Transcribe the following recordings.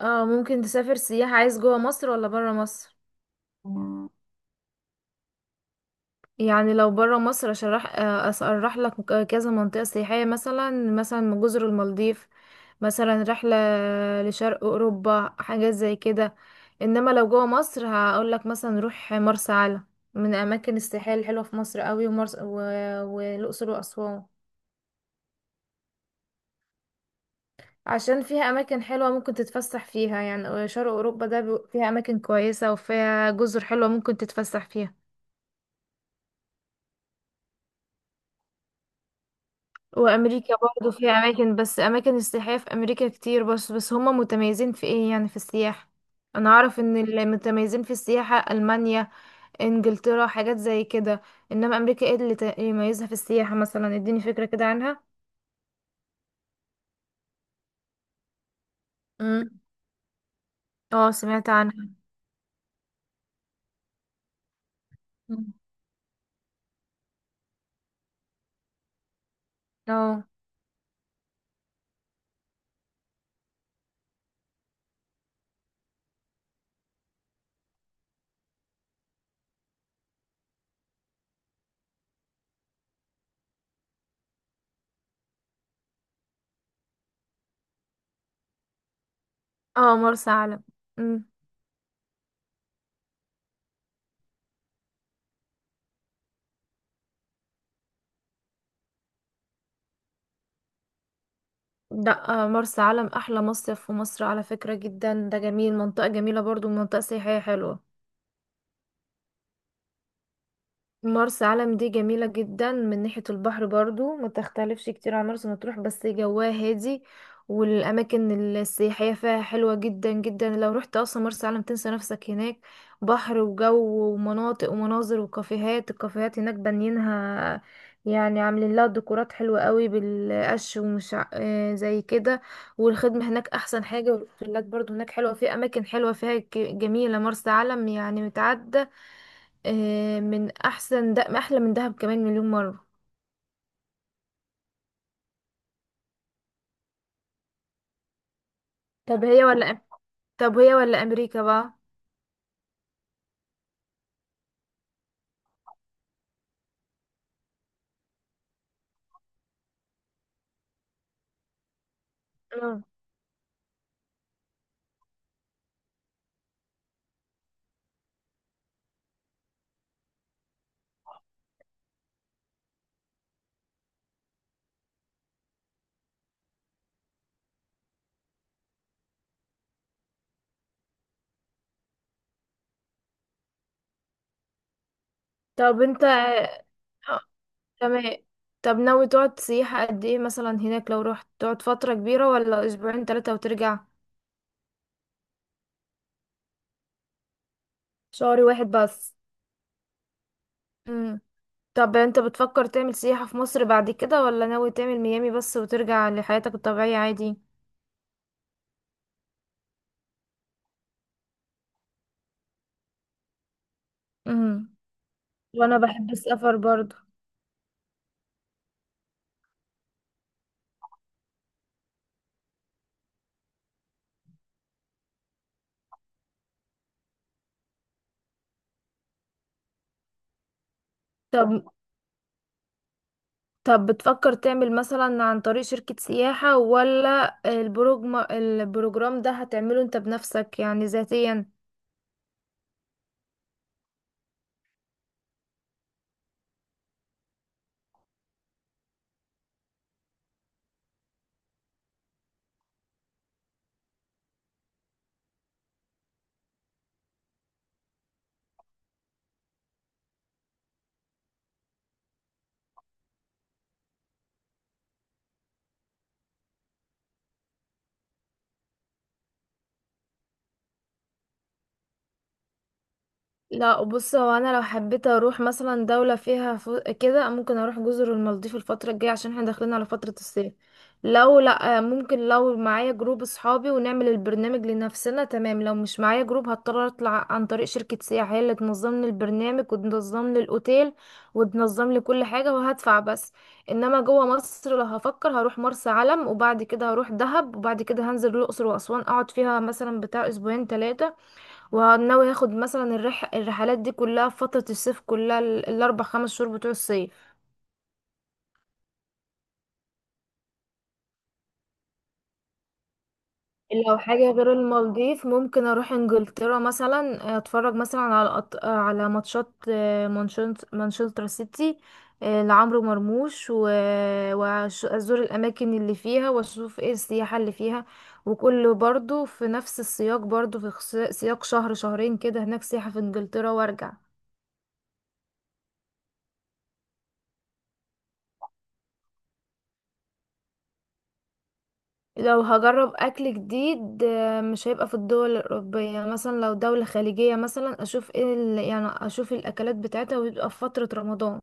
اه، ممكن تسافر سياحة. عايز جوه مصر ولا برا مصر؟ يعني لو برا مصر اشرح اشرح لك كذا منطقة سياحية، مثلا جزر المالديف، مثلا رحلة لشرق اوروبا، حاجات زي كده. انما لو جوه مصر هقول لك مثلا روح مرسى علم، من اماكن السياحية الحلوة في مصر قوي. ومرس والاقصر واسوان، عشان فيها اماكن حلوه ممكن تتفسح فيها. يعني شرق اوروبا ده فيها اماكن كويسه، وفيها جزر حلوه ممكن تتفسح فيها. وامريكا برضو فيها اماكن، بس اماكن السياحية في امريكا كتير. بس هما متميزين في ايه يعني في السياحة؟ انا اعرف ان اللي متميزين في السياحة المانيا، انجلترا، حاجات زي كده. انما امريكا ايه يميزها في السياحة؟ مثلا اديني فكرة كده عنها. مم. اه، سمعت عنها. مم. اه. اه، مرسى علم. امم. لا مرسى علم احلى مصيف في مصر على فكرة، جدا ده جميل. منطقة جميلة، برضو منطقة سياحية حلوة. مرسى علم دي جميلة جدا من ناحية البحر، برضو ما تختلفش كتير عن مرسى مطروح، بس جواها هادي. والأماكن السياحية فيها حلوة جدا جدا. لو رحت أصلا مرسى علم تنسى نفسك هناك. بحر وجو ومناطق ومناظر وكافيهات. الكافيهات هناك بانيينها يعني عاملين لها ديكورات حلوة قوي بالقش، ومش ع- آه زي كده. والخدمة هناك أحسن حاجة، والأوتيلات برضو هناك حلوة في أماكن حلوة فيها، جميلة. مرسى علم يعني متعدة من احسن، ده احلى من دهب كمان مليون مرة. طب هي ولا أم- طب هي ولا امريكا بقى؟ اه. طب انت تمام. طب ناوي تقعد سياحة قد ايه مثلا هناك؟ لو رحت تقعد فترة كبيرة ولا اسبوعين تلاتة وترجع؟ شهر واحد بس؟ مم. طب انت بتفكر تعمل سياحة في مصر بعد كده، ولا ناوي تعمل ميامي بس وترجع لحياتك الطبيعية عادي؟ مم. وانا بحب السفر برضو. طب، طب بتفكر تعمل مثلا عن طريق شركة سياحة، ولا البروجرام، البروجرام ده هتعمله انت بنفسك يعني ذاتيا؟ لا، بص هو انا لو حبيت اروح مثلا دولة فيها كده، ممكن اروح جزر المالديف الفترة الجاية عشان احنا داخلين على فترة الصيف. لو لا ممكن لو معايا جروب اصحابي ونعمل البرنامج لنفسنا، تمام. لو مش معايا جروب هضطر اطلع عن طريق شركة سياحة هي اللي تنظم لي البرنامج وتنظم لي الاوتيل وتنظم لي كل حاجة وهدفع بس. انما جوه مصر لو هفكر هروح مرسى علم، وبعد كده هروح دهب، وبعد كده هنزل الاقصر واسوان اقعد فيها مثلا بتاع اسبوعين ثلاثة. وناوي هاخد مثلا الرحلات دي كلها في فترة الصيف، كلها الأربع خمس شهور بتوع الصيف. لو حاجة غير المالديف، ممكن أروح إنجلترا مثلا، أتفرج مثلا على على ماتشات مانشستر سيتي لعمرو مرموش وأزور الأماكن اللي فيها وأشوف إيه السياحة اللي فيها. وكله برضو في نفس السياق، برضو في سياق شهر شهرين كده هناك سياحة في إنجلترا، وأرجع. لو هجرب اكل جديد مش هيبقى في الدول الاوروبيه. مثلا لو دوله خليجيه مثلا اشوف ايه يعني اشوف الاكلات بتاعتها، ويبقى في فتره رمضان.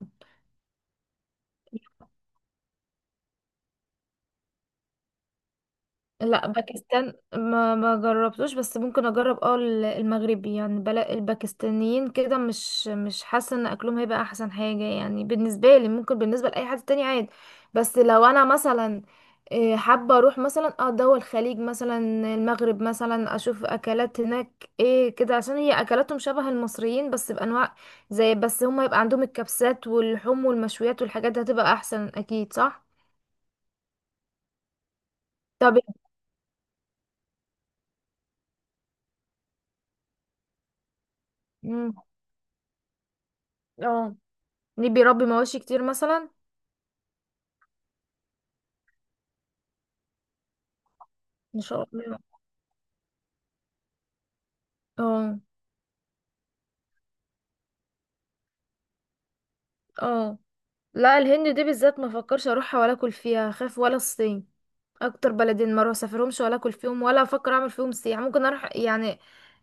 لا، باكستان ما جربتوش، بس ممكن اجرب اه المغربي يعني. بلا الباكستانيين كده، مش حاسه ان اكلهم هيبقى احسن حاجه يعني بالنسبه لي. ممكن بالنسبه لاي حد تاني عادي. بس لو انا مثلا حابه اروح مثلا اه دول الخليج مثلا، المغرب مثلا، اشوف اكلات هناك ايه كده. عشان هي اكلاتهم شبه المصريين بس بانواع زي، بس هم يبقى عندهم الكبسات واللحوم والمشويات والحاجات دي، هتبقى احسن اكيد صح. طب. مم. اه. ليه بيربي مواشي كتير مثلا؟ ان شاء الله. اه. اه. لا الهند دي بالذات ما فكرش اروحها ولا اكل فيها خاف، ولا الصين. اكتر بلدين ما اروح اسافرهمش ولا اكل فيهم ولا افكر اعمل فيهم سياحه. ممكن اروح يعني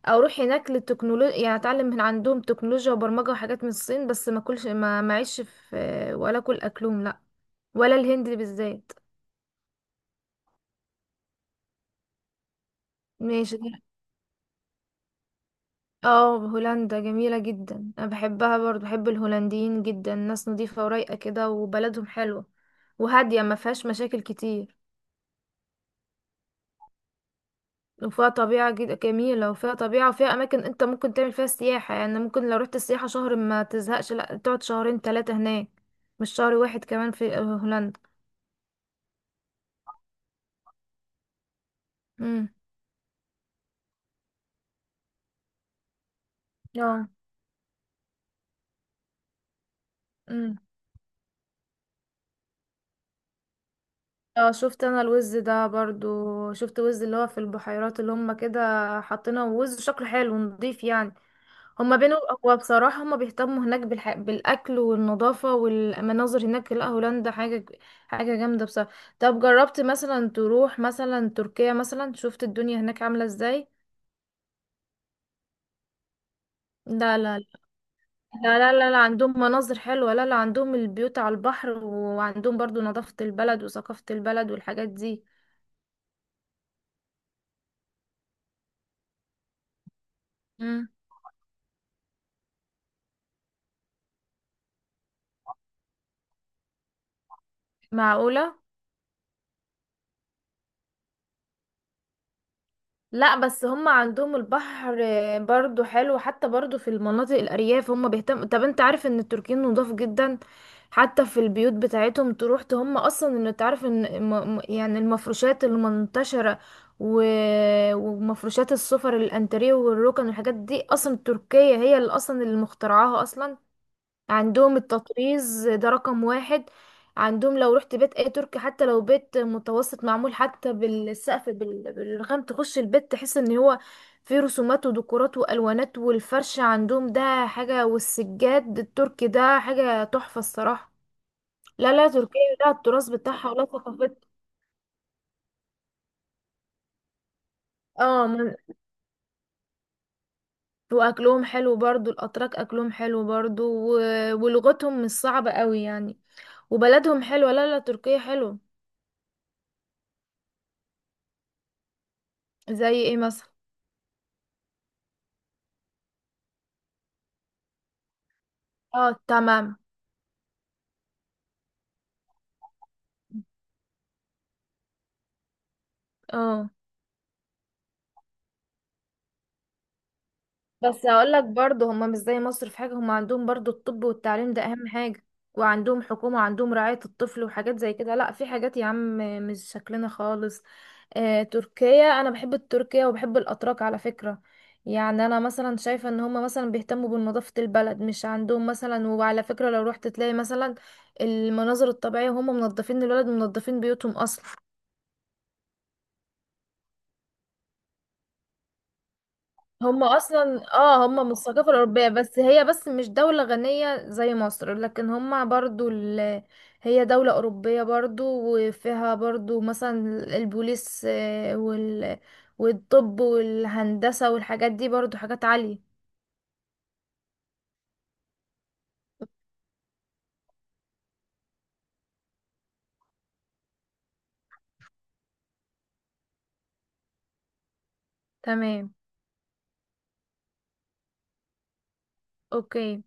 اروح هناك للتكنولوجيا يعني اتعلم من عندهم تكنولوجيا وبرمجه وحاجات من الصين، بس ما اكلش ما معيش في، ولا اكل اكلهم لا. ولا الهند بالذات. ماشي. اه هولندا جميلة جدا، انا بحبها برضو، بحب الهولنديين جدا، ناس نظيفة ورايقة كده وبلدهم حلوة وهادية، ما فيهاش مشاكل كتير. وفيها طبيعة جميلة، وفيها طبيعة وفيها أماكن أنت ممكن تعمل فيها سياحة. يعني ممكن لو رحت السياحة شهر ما تزهقش، لأ تقعد شهرين تلاتة هناك، مش شهر واحد كمان في هولندا. امم. اه. امم. اه، شفت أنا الوز ده برضو، شفت وز اللي هو في البحيرات اللي هما كده حاطينه. وز شكله حلو ونضيف يعني. هما بينه. هو بصراحة هما بيهتموا هناك بالأكل والنظافة والمناظر. هناك لا، هولندا حاجة، حاجة جامدة بصراحة. طب جربت مثلا تروح مثلا تركيا مثلا؟ شفت الدنيا هناك عاملة ازاي؟ لا لا. لا, عندهم مناظر حلوة. لا لا، عندهم البيوت على البحر، وعندهم برضو نظافة البلد وثقافة البلد والحاجات دي. مم. معقولة. لا، بس هم عندهم البحر برضو حلو. حتى برضو في المناطق الأرياف هم بيهتموا. طب انت عارف ان التركيين نضاف جدا؟ حتى في البيوت بتاعتهم تروح هم اصلا، ان تعرف ان يعني المفروشات المنتشرة و... ومفروشات السفر، الانتريه والركن والحاجات دي، اصلا تركيا هي اللي اصلا اللي مخترعاها اصلا. عندهم التطريز ده رقم واحد. عندهم لو رحت بيت اي تركي، حتى لو بيت متوسط، معمول حتى بالسقف بالرخام. تخش البيت تحس ان هو فيه رسومات وديكورات والوانات، والفرش عندهم ده حاجة، والسجاد التركي ده حاجة تحفة الصراحة. لا لا، تركيا لا التراث بتاعها ولا ثقافتها. اه من- واكلهم حلو برضو، الاتراك اكلهم حلو برضو. ولغتهم مش صعبة قوي يعني، وبلدهم حلوة. لا لا، تركيا حلوة. زي ايه مثلا؟ اه تمام. اه. بس هقول لك برضه هم مش زي مصر في حاجة. هم عندهم برضه الطب والتعليم ده أهم حاجة، وعندهم حكومة وعندهم رعاية الطفل وحاجات زي كده. لا في حاجات يا عم مش شكلنا خالص. آه تركيا، أنا بحب تركيا وبحب الأتراك على فكرة. يعني أنا مثلا شايفة إن هم مثلا بيهتموا بنظافة البلد، مش عندهم مثلا. وعلى فكرة لو رحت تلاقي مثلا المناظر الطبيعية هم منظفين البلد ومنظفين بيوتهم أصلا. هم اصلا اه، هم من الثقافة الأوروبية. بس هي بس مش دولة غنية زي مصر، لكن هم برضو هي دولة أوروبية برضو، وفيها برضو مثلا البوليس آه، وال... والطب والهندسة والحاجات دي برضو حاجات عالية. تمام. اوكي.